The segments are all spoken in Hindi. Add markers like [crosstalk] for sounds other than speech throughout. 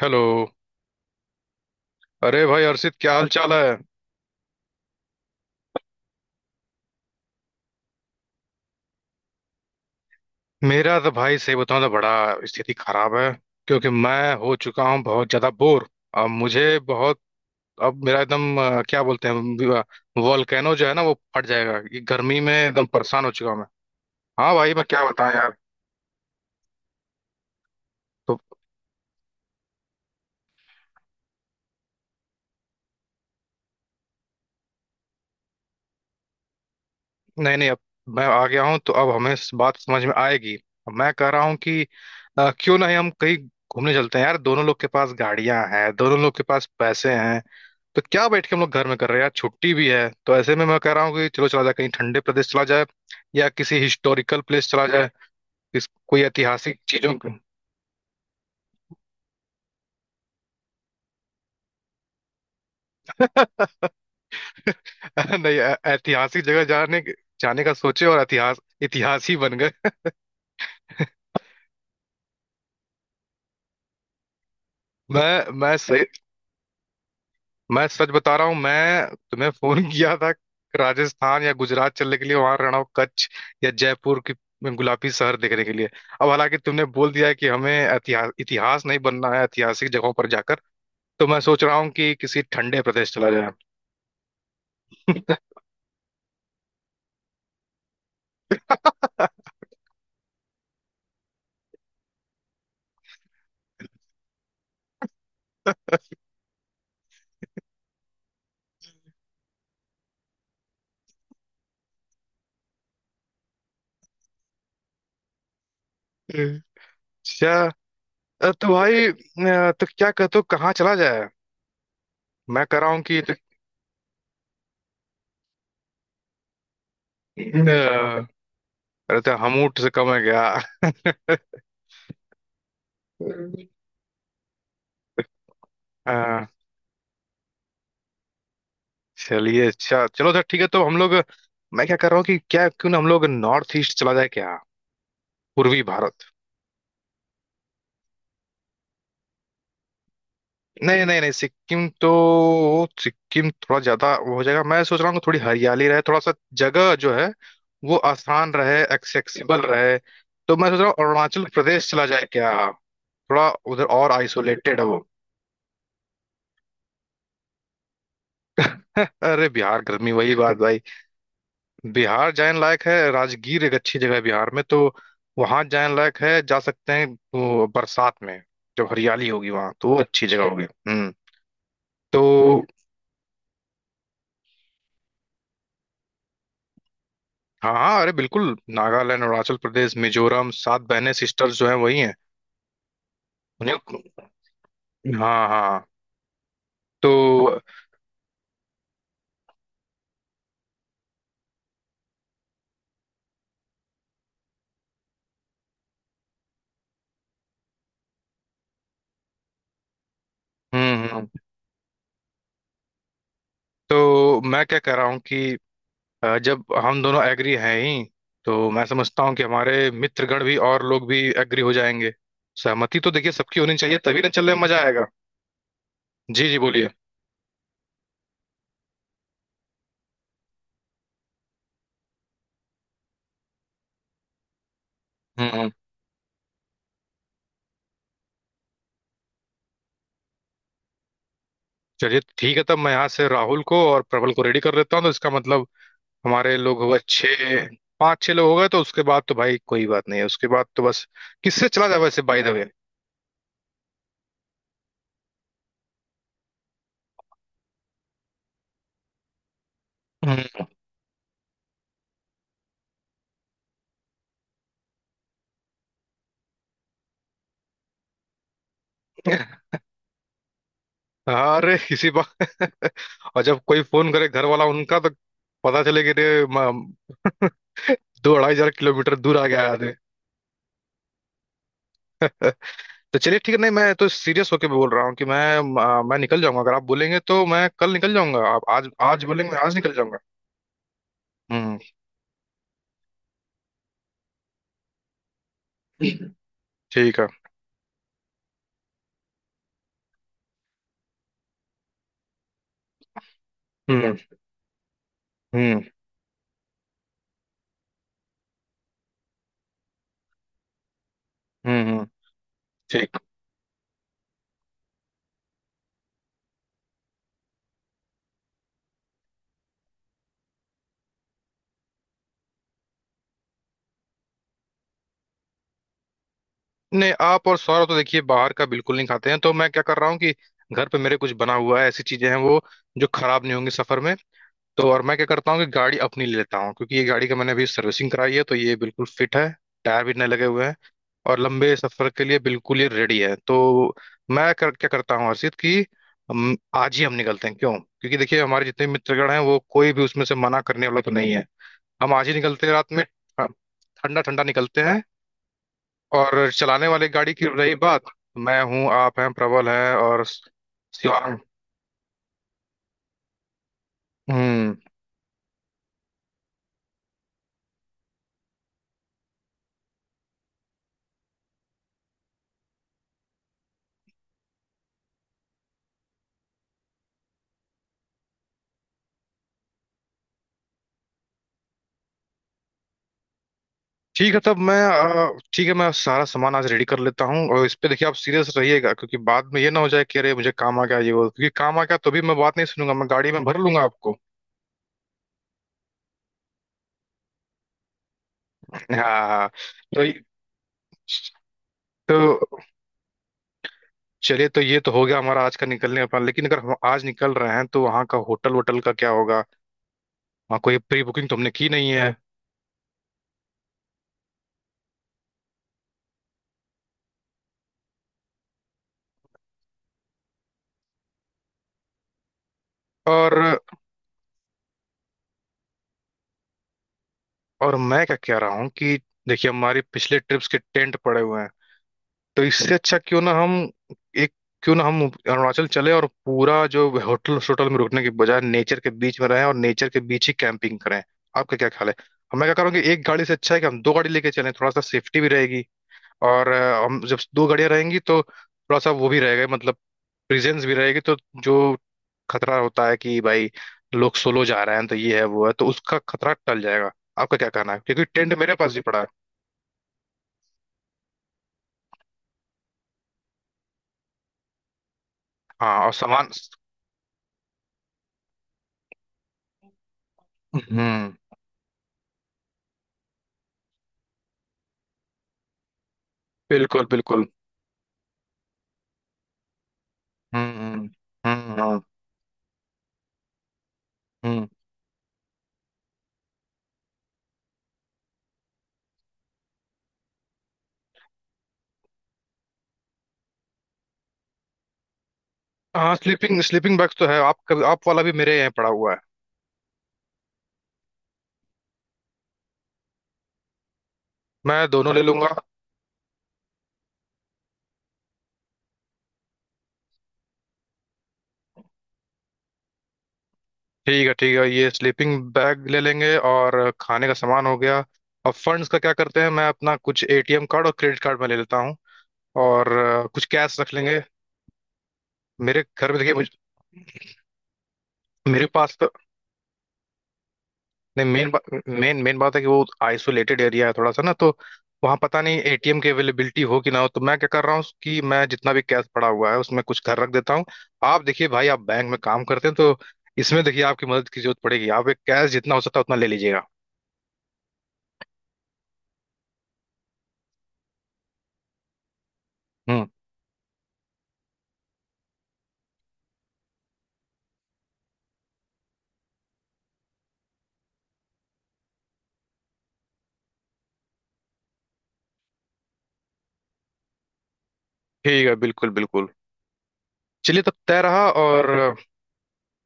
हेलो। अरे भाई अर्षित, क्या हाल चाल है। मेरा तो भाई सही बताऊं तो बड़ा स्थिति खराब है, क्योंकि मैं हो चुका हूँ बहुत ज्यादा बोर। अब मुझे बहुत। अब मेरा एकदम क्या बोलते हैं, वॉल्केनो जो है ना वो फट जाएगा, ये गर्मी में एकदम परेशान हो चुका हूं मैं। हाँ भाई, मैं क्या बताऊं यार। तो नहीं नहीं, अब मैं आ गया हूँ तो अब हमें इस बात समझ में आएगी। अब मैं कह रहा हूँ कि क्यों नहीं हम कहीं घूमने चलते हैं यार, दोनों लोग के पास गाड़ियां हैं, दोनों लोग के पास पैसे हैं। तो क्या बैठ के हम लोग घर में कर रहे हैं यार, छुट्टी भी है, तो ऐसे में मैं कह रहा हूँ कि चलो चला जाए कहीं, ठंडे प्रदेश चला जाए या किसी हिस्टोरिकल प्लेस चला जाए। किस कोई ऐतिहासिक चीजों को। [laughs] नहीं, ऐतिहासिक जगह जाने जाने का सोचे और इतिहास इतिहास ही बन गए। [laughs] मैं सही, मैं सच बता रहा हूँ, मैं तुम्हें फोन [laughs] किया था। राजस्थान या गुजरात चलने के लिए, वहां रहना हो कच्छ या जयपुर की गुलाबी शहर देखने के लिए। अब हालांकि तुमने बोल दिया है कि हमें इतिहास इतिहास नहीं बनना है ऐतिहासिक जगहों पर जाकर, तो मैं सोच रहा हूँ कि किसी ठंडे प्रदेश चला जाए। अच्छा, तो भाई, तो क्या कहते हो कहाँ चला जाए। मैं कह रहा हूँ कि तो, अ, अरे तो हम ऊँट से कम है क्या? अ, चलिए, अच्छा चलो सर ठीक है, तो हम लोग, मैं क्या कर रहा हूँ कि क्या, क्यों ना हम लोग नॉर्थ ईस्ट चला जाए क्या, पूर्वी भारत। नहीं नहीं नहीं, सिक्किम तो सिक्किम थोड़ा ज्यादा वो हो जाएगा, मैं सोच रहा हूँ कि थोड़ी हरियाली रहे, थोड़ा सा जगह जो है वो आसान रहे, एक्सेसिबल रहे। तो मैं सोच रहा हूँ अरुणाचल प्रदेश चला जाए क्या, थोड़ा उधर और आइसोलेटेड है वो। [laughs] अरे बिहार गर्मी वही बात भाई। बिहार जाने लायक है, राजगीर एक अच्छी जगह है बिहार में, तो वहां जाने लायक है, जा सकते हैं। वो बरसात में जब हरियाली होगी वहां, तो वो अच्छी जगह होगी। हम्म। तो हाँ, अरे बिल्कुल नागालैंड अरुणाचल प्रदेश मिजोरम, सात बहनें सिस्टर्स जो हैं वही हैं। उन्हें, हाँ हाँ तो। हम्म हम्म, तो मैं क्या कह रहा हूँ कि जब हम दोनों एग्री हैं ही, तो मैं समझता हूँ कि हमारे मित्रगण भी और लोग भी एग्री हो जाएंगे। सहमति तो देखिए सबकी होनी चाहिए, तभी ना चलने में मजा आएगा। जी जी बोलिए। हम्म हम्म। चलिए ठीक है, तब मैं यहाँ से राहुल को और प्रबल को रेडी कर लेता हूँ, तो इसका मतलब हमारे लोग होगा छः, पाँच छः लोग हो गए। तो उसके बाद तो भाई कोई बात नहीं है, उसके बाद तो बस किससे चला जाए वैसे, बाय द वे। [laughs] अरे इसी बात। [laughs] और जब कोई फोन करे घर वाला उनका तो पता चले कि रे [laughs] 2-2.5 हजार किलोमीटर दूर आ गया है आदमी। [laughs] तो चलिए ठीक है, नहीं मैं तो सीरियस होके बोल रहा हूँ कि मैं निकल जाऊंगा, अगर आप बोलेंगे तो मैं कल निकल जाऊंगा, आप आज आज बोलेंगे मैं आज निकल जाऊंगा। हम्म। ठीक है। हम्म हम्म। हम्म हम्म, ठीक। नहीं आप और सौरभ तो देखिए बाहर का बिल्कुल नहीं खाते हैं, तो मैं क्या कर रहा हूँ कि घर पे मेरे कुछ बना हुआ है, ऐसी चीजें हैं वो जो खराब नहीं होंगी सफर में। तो और मैं क्या करता हूँ कि गाड़ी अपनी ले लेता हूँ, क्योंकि ये गाड़ी का मैंने अभी सर्विसिंग कराई है तो ये बिल्कुल फिट है, टायर भी नए लगे हुए हैं और लंबे सफर के लिए बिल्कुल ये रेडी है। तो क्या करता हूँ हर्षित, कि हम आज ही हम निकलते हैं, क्यों? क्योंकि देखिए हमारे जितने भी मित्रगण हैं वो कोई भी उसमें से मना करने वाला तो नहीं है। हम आज ही निकलते हैं रात में। हाँ, ठंडा ठंडा निकलते हैं। और चलाने वाली गाड़ी की रही बात, मैं हूँ, आप हैं, प्रबल है और शिवांग। हम्म। ठीक है, तब मैं ठीक है मैं सारा सामान आज रेडी कर लेता हूँ, और इस पे देखिए आप सीरियस रहिएगा, क्योंकि बाद में ये ना हो जाए कि अरे मुझे काम आ गया ये वो, क्योंकि काम आ गया तो भी मैं बात नहीं सुनूंगा, मैं गाड़ी में भर लूंगा आपको। हाँ। तो तो चलिए, तो ये तो हो गया हमारा आज का निकलने का plan। लेकिन अगर हम आज निकल रहे हैं तो वहाँ का होटल वोटल का क्या होगा, वहाँ कोई प्री बुकिंग तो हमने की नहीं है। और और मैं क्या कह रहा हूँ कि देखिए हमारी पिछले ट्रिप्स के टेंट पड़े हुए हैं, तो इससे अच्छा क्यों ना हम एक, क्यों ना हम अरुणाचल चले और पूरा जो होटल होटल में रुकने के बजाय नेचर के बीच में रहें और नेचर के बीच ही कैंपिंग करें। आपका क्या ख्याल है? हम मैं क्या कह रहा हूँ कि एक गाड़ी से अच्छा है कि हम दो गाड़ी लेके चलें, थोड़ा सा सेफ्टी भी रहेगी। और हम जब दो गाड़ियाँ रहेंगी तो थोड़ा सा वो भी रहेगा मतलब प्रेजेंस भी रहेगी। तो जो खतरा होता है कि भाई लोग सोलो जा रहे हैं तो ये है वो है, तो उसका खतरा टल जाएगा। आपका क्या कहना है, क्योंकि टेंट मेरे पास भी पड़ा है। हाँ, और सामान। हम्म। बिल्कुल बिल्कुल। हम्म। हाँ, हम्म। हाँ, स्लीपिंग स्लीपिंग बैग्स तो है, आप वाला भी मेरे यहाँ पड़ा हुआ है। मैं दोनों ले लूंगा। ठीक है, ठीक है, ये स्लीपिंग बैग ले लेंगे, और खाने का सामान हो गया। अब फंड्स का क्या करते हैं, मैं अपना कुछ एटीएम कार्ड और क्रेडिट कार्ड में ले लेता हूँ, और कुछ कैश रख लेंगे। मेरे घर में देखिए मेरे पास तो, नहीं मेन मेन मेन बात है कि वो आइसोलेटेड एरिया है थोड़ा सा ना, तो वहाँ पता नहीं एटीएम की अवेलेबिलिटी हो कि ना हो। तो मैं क्या कर रहा हूँ कि मैं जितना भी कैश पड़ा हुआ है उसमें कुछ घर रख देता हूँ। आप देखिए भाई, आप बैंक में काम करते हैं तो इसमें देखिए आपकी मदद की जरूरत पड़ेगी, आप एक कैश जितना हो सकता है उतना ले लीजिएगा। हम्म, ठीक है, बिल्कुल बिल्कुल। चलिए तब तय रहा, और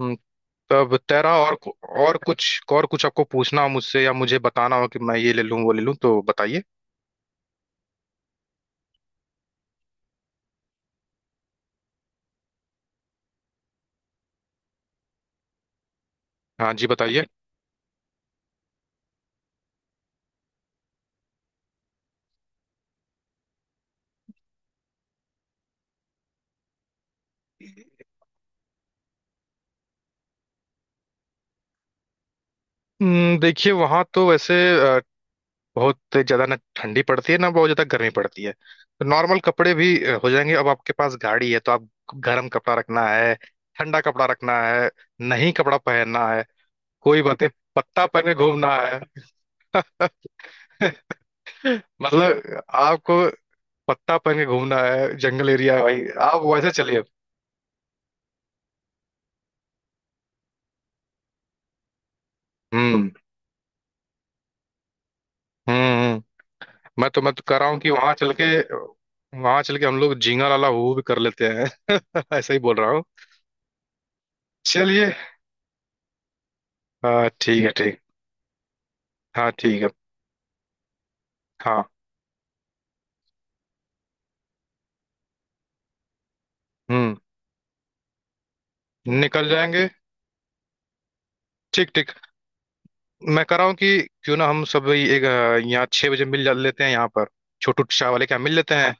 हम्म, तब तय रहा। और कुछ, और कुछ आपको पूछना हो मुझसे या मुझे बताना हो कि मैं ये ले लूँ वो ले लूँ तो बताइए। हाँ जी बताइए। देखिए वहाँ तो वैसे अ, बहुत ज़्यादा ना ठंडी पड़ती है ना बहुत ज़्यादा गर्मी पड़ती है, तो नॉर्मल कपड़े भी हो जाएंगे। अब आपके पास गाड़ी है तो आप गर्म कपड़ा रखना है, ठंडा कपड़ा रखना है, नहीं कपड़ा पहनना है, कोई बात नहीं, पत्ता पहन के घूमना है। [laughs] मतलब आपको पत्ता पहन के घूमना है, जंगल एरिया है भाई, आप वैसे चलिए। हम्म हम्म हम्म। मैं तो कह रहा हूँ कि वहां चल के हम लोग झींगा लाला हू भी कर लेते हैं। [laughs] ऐसा ही बोल रहा हूँ। चलिए, हाँ ठीक है ठीक है। हाँ ठीक है। हाँ हम्म, निकल जाएंगे। ठीक ठीक। मैं कह रहा हूँ कि क्यों ना हम सब एक यहाँ 6 बजे मिल जा लेते हैं, यहाँ पर छोटू चाय वाले के यहाँ मिल लेते हैं।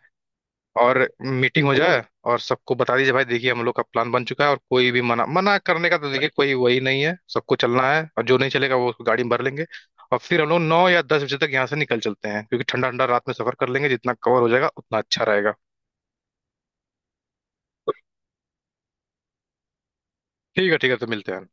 और मीटिंग हो जाए, और सबको बता दीजिए भाई देखिए हम लोग का प्लान बन चुका है, और कोई भी मना मना करने का तो देखिए कोई वही नहीं है, सबको चलना है और जो नहीं चलेगा वो उसको गाड़ी में भर लेंगे। और फिर हम लोग 9 या 10 बजे तक यहाँ से निकल चलते हैं, क्योंकि ठंडा ठंडा रात में सफर कर लेंगे, जितना कवर हो जाएगा उतना अच्छा रहेगा। ठीक है ठीक है, तो मिलते हैं।